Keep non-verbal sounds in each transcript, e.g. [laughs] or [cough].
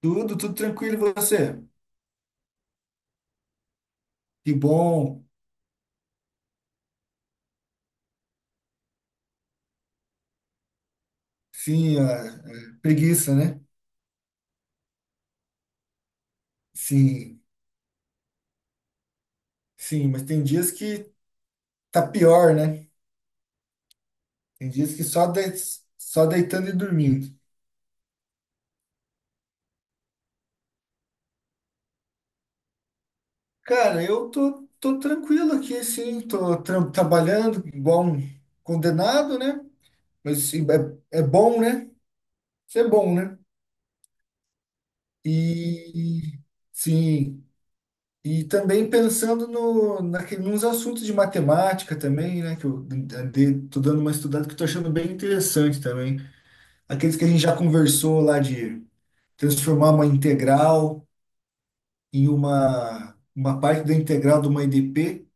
Tudo, tranquilo, e você? Que bom. Sim, a preguiça, né? Sim, sim, mas tem dias que tá pior, né? Tem dias que só deitando e dormindo. Cara, eu tô tranquilo aqui, sim, trabalhando, igual um condenado, né? Mas sim, é bom, né? Isso é bom, né? E sim. E também pensando no, naquele, nos assuntos de matemática também, né? Que eu andei, tô dando uma estudada que eu tô achando bem interessante também. Aqueles que a gente já conversou lá de transformar uma integral em uma parte da integral de uma EDP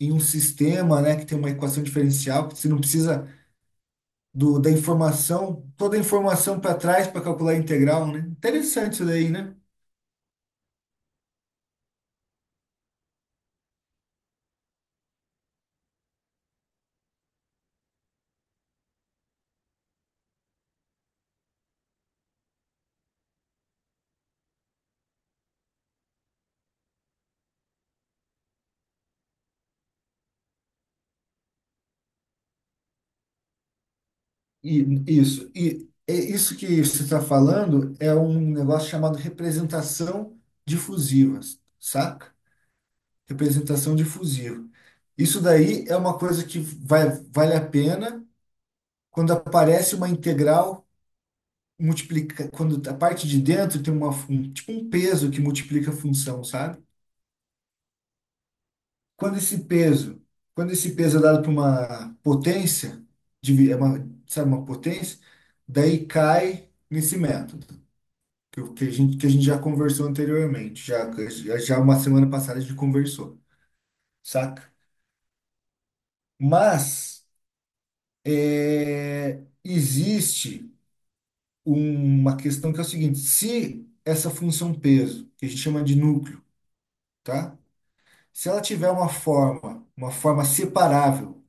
em um sistema, né? Que tem uma equação diferencial, que você não precisa da informação, toda a informação para trás para calcular a integral, né? Interessante isso daí, né? E, isso. E é isso que você está falando é um negócio chamado representação difusiva, saca? Representação difusiva. Isso daí é uma coisa que vai, vale a pena quando aparece uma integral multiplica, quando a parte de dentro tem tipo um peso que multiplica a função, sabe? Quando esse peso, quando esse peso é dado para uma potência, divi- é uma, sabe, uma potência, daí cai nesse método. Que a gente já conversou anteriormente, já, uma semana passada a gente conversou, saca? Mas é, existe uma questão que é o seguinte: se essa função peso, que a gente chama de núcleo, tá? Se ela tiver uma forma separável, o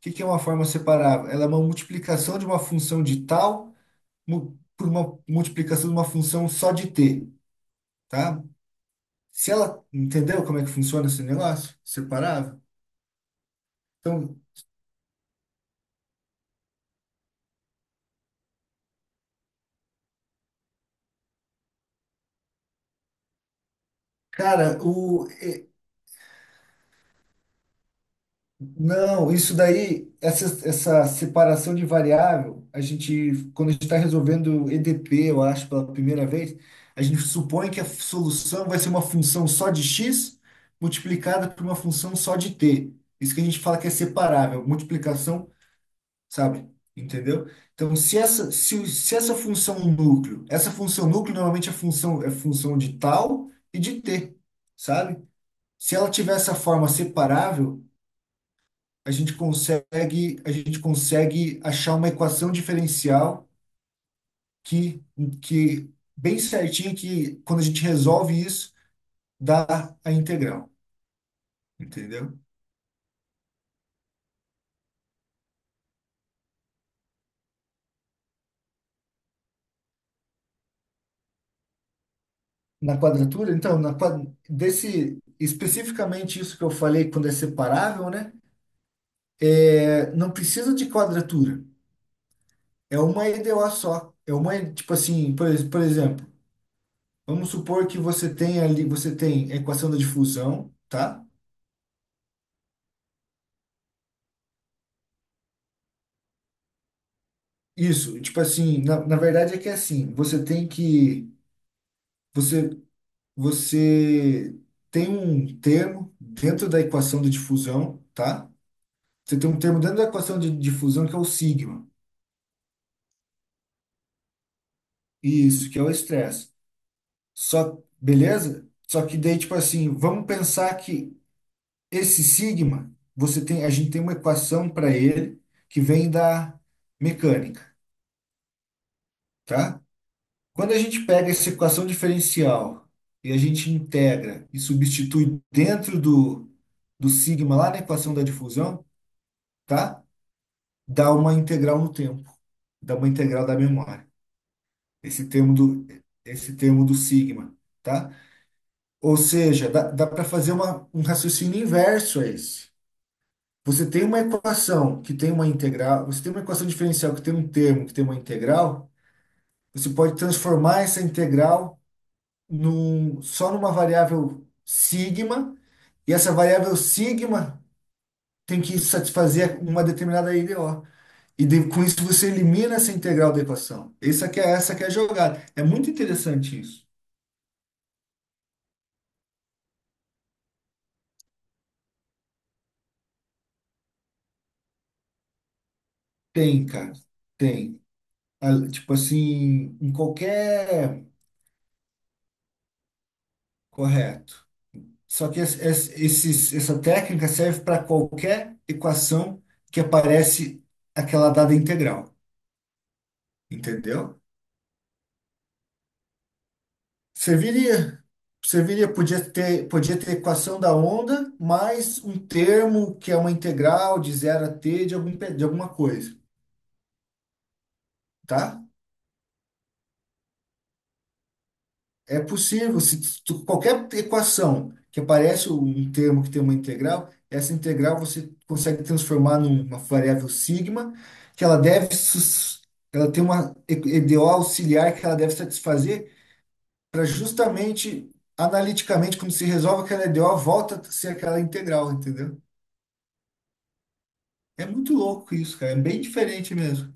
que que é uma forma separável? Ela é uma multiplicação de uma função de tal por uma multiplicação de uma função só de t, tá? Se ela, entendeu como é que funciona esse negócio? Separável? Então, cara, o, e- não, isso daí, essa separação de variável, quando a gente está resolvendo EDP, eu acho, pela primeira vez, a gente supõe que a solução vai ser uma função só de x multiplicada por uma função só de t. Isso que a gente fala que é separável, multiplicação, sabe? Entendeu? Então, se essa função núcleo, essa função núcleo normalmente é função de tal e de t, sabe? Se ela tiver essa forma separável, a gente consegue achar uma equação diferencial que, que bem certinha que quando a gente resolve isso, dá a integral, entendeu? Na quadratura, então, desse especificamente isso que eu falei quando é separável, né? É, não precisa de quadratura. É uma EDO só. É uma, tipo assim, por exemplo, vamos supor que você tem ali, você tem a equação da difusão, tá? Isso, tipo assim, na verdade é que é assim, você tem que, você, você tem um termo dentro da equação de difusão, tá? Você tem um termo dentro da equação de difusão que é o sigma, isso, que é o estresse. Só, beleza? Só que daí, tipo assim, vamos pensar que esse sigma, você tem, a gente tem uma equação para ele que vem da mecânica, tá? Quando a gente pega essa equação diferencial e a gente integra e substitui dentro do sigma lá na equação da difusão, tá? Dá uma integral no tempo, dá uma integral da memória. Esse termo do, esse termo do sigma, tá? Ou seja, dá para fazer um raciocínio inverso a esse. Você tem uma equação que tem uma integral, você tem uma equação diferencial que tem um termo que tem uma integral, você pode transformar essa integral só numa variável sigma, e essa variável sigma tem que satisfazer uma determinada IDO. Com isso você elimina essa integral da equação. Essa que é a jogada. É muito interessante isso. Tem, cara. Tem. Ah, tipo assim, em qualquer. Correto. Só que essa técnica serve para qualquer equação que aparece aquela dada integral. Entendeu? Serviria. Serviria, podia ter equação da onda mais um termo que é uma integral de zero a t de alguma coisa, tá? É possível, se qualquer equação que aparece um termo que tem uma integral, essa integral você consegue transformar numa variável sigma, que ela tem uma EDO auxiliar que ela deve satisfazer para justamente, analiticamente, quando se resolve aquela EDO, volta a ser aquela integral, entendeu? É muito louco isso, cara. É bem diferente mesmo.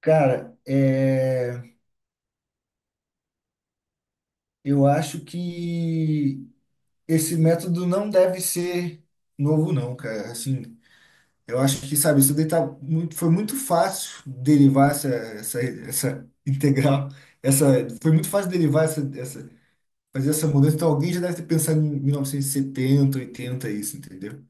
Cara, é, eu acho que esse método não deve ser novo, não, cara. Assim, eu acho que, sabe, isso daí tá muito, foi muito fácil derivar essa integral. Essa, foi muito fácil derivar fazer essa mudança. Então, alguém já deve ter pensado em 1970, 80, isso, entendeu?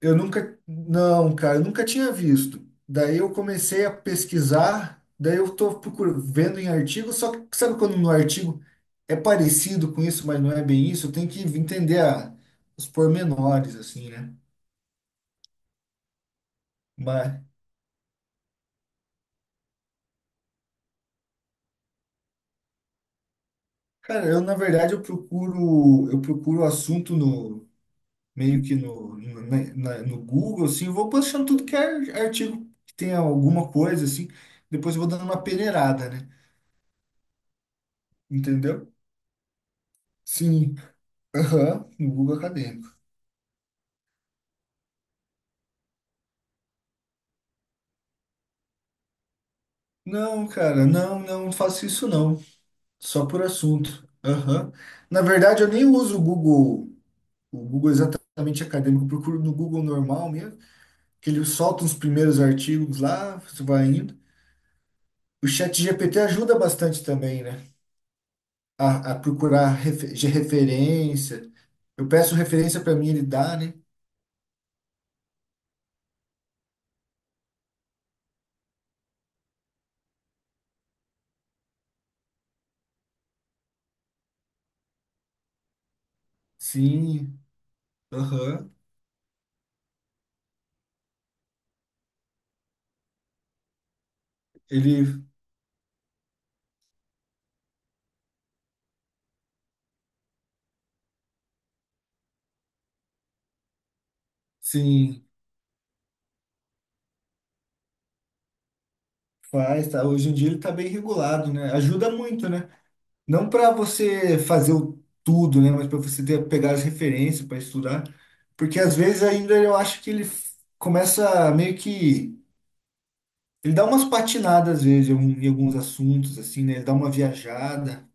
Eu nunca, não, cara, eu nunca tinha visto. Daí eu comecei a pesquisar, daí eu tô procurando, vendo em artigo, só que sabe quando no artigo é parecido com isso, mas não é bem isso, eu tenho que entender os pormenores, assim, né? Mas, cara, eu na verdade eu procuro assunto no meio que no Google, assim, eu vou postando tudo que é artigo que tem alguma coisa, assim, depois eu vou dando uma peneirada, né? Entendeu? Sim. Aham, no Google Acadêmico. Não, cara, não, não faço isso não. Só por assunto. Aham. Na verdade, eu nem uso o Google exatamente acadêmico. Eu procuro no Google normal mesmo, que ele solta os primeiros artigos lá, você vai indo. O chat GPT ajuda bastante também, né? A procurar de referência. Eu peço referência para mim, ele dá, né? Sim, aham. Ele, sim, faz, tá? Hoje em dia ele tá bem regulado, né? Ajuda muito, né? Não para você fazer o tudo, né? Mas para você ter, pegar as referências para estudar. Porque às vezes ainda eu acho que ele começa a meio que. Ele dá umas patinadas às vezes em em alguns assuntos, assim, né? Ele dá uma viajada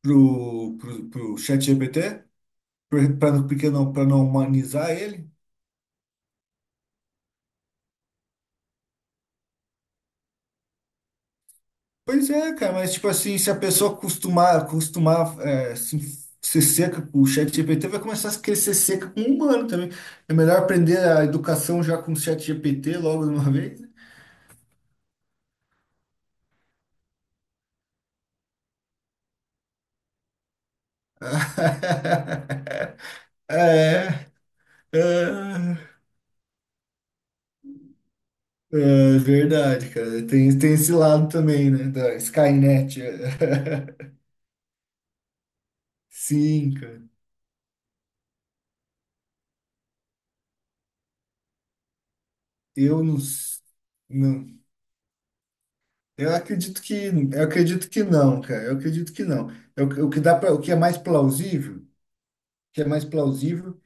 pro chat GPT, porque não, para não humanizar ele. Pois é, cara, mas tipo assim, se a pessoa acostumar assim, ser seca com o chat GPT, vai começar a querer ser seca com o humano também. É melhor aprender a educação já com o chat GPT logo de uma vez, né? [laughs] É, é, é verdade, cara. Tem esse lado também, né? Da Skynet. [laughs] Sim, cara. Eu não, s- não. Eu acredito que, eu acredito que não, cara. Eu acredito que não. O que o que dá para, o que é mais plausível. Que é mais plausível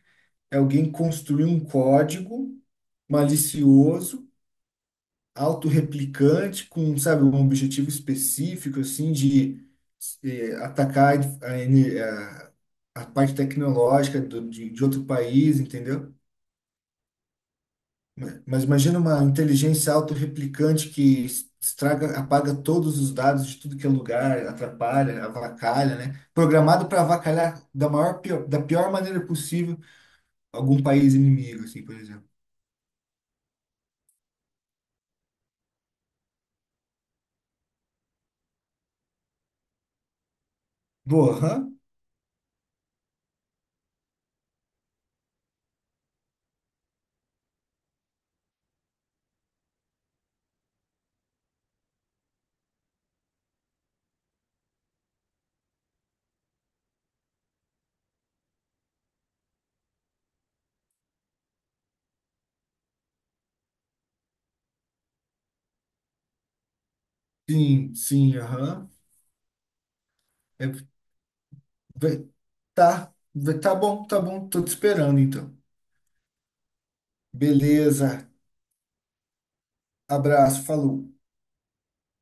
é alguém construir um código malicioso, autorreplicante, com, sabe, um objetivo específico, assim, de atacar a, ene- a- a parte tecnológica de outro país, entendeu? Mas imagina uma inteligência autorreplicante que estraga, apaga todos os dados de tudo que é lugar, atrapalha, avacalha, né? Programado para avacalhar da pior maneira possível algum país inimigo, assim, por exemplo. Boa, aham. Sim, aham. É, vai- tá bom, tá bom. Tô te esperando, então. Beleza. Abraço, falou.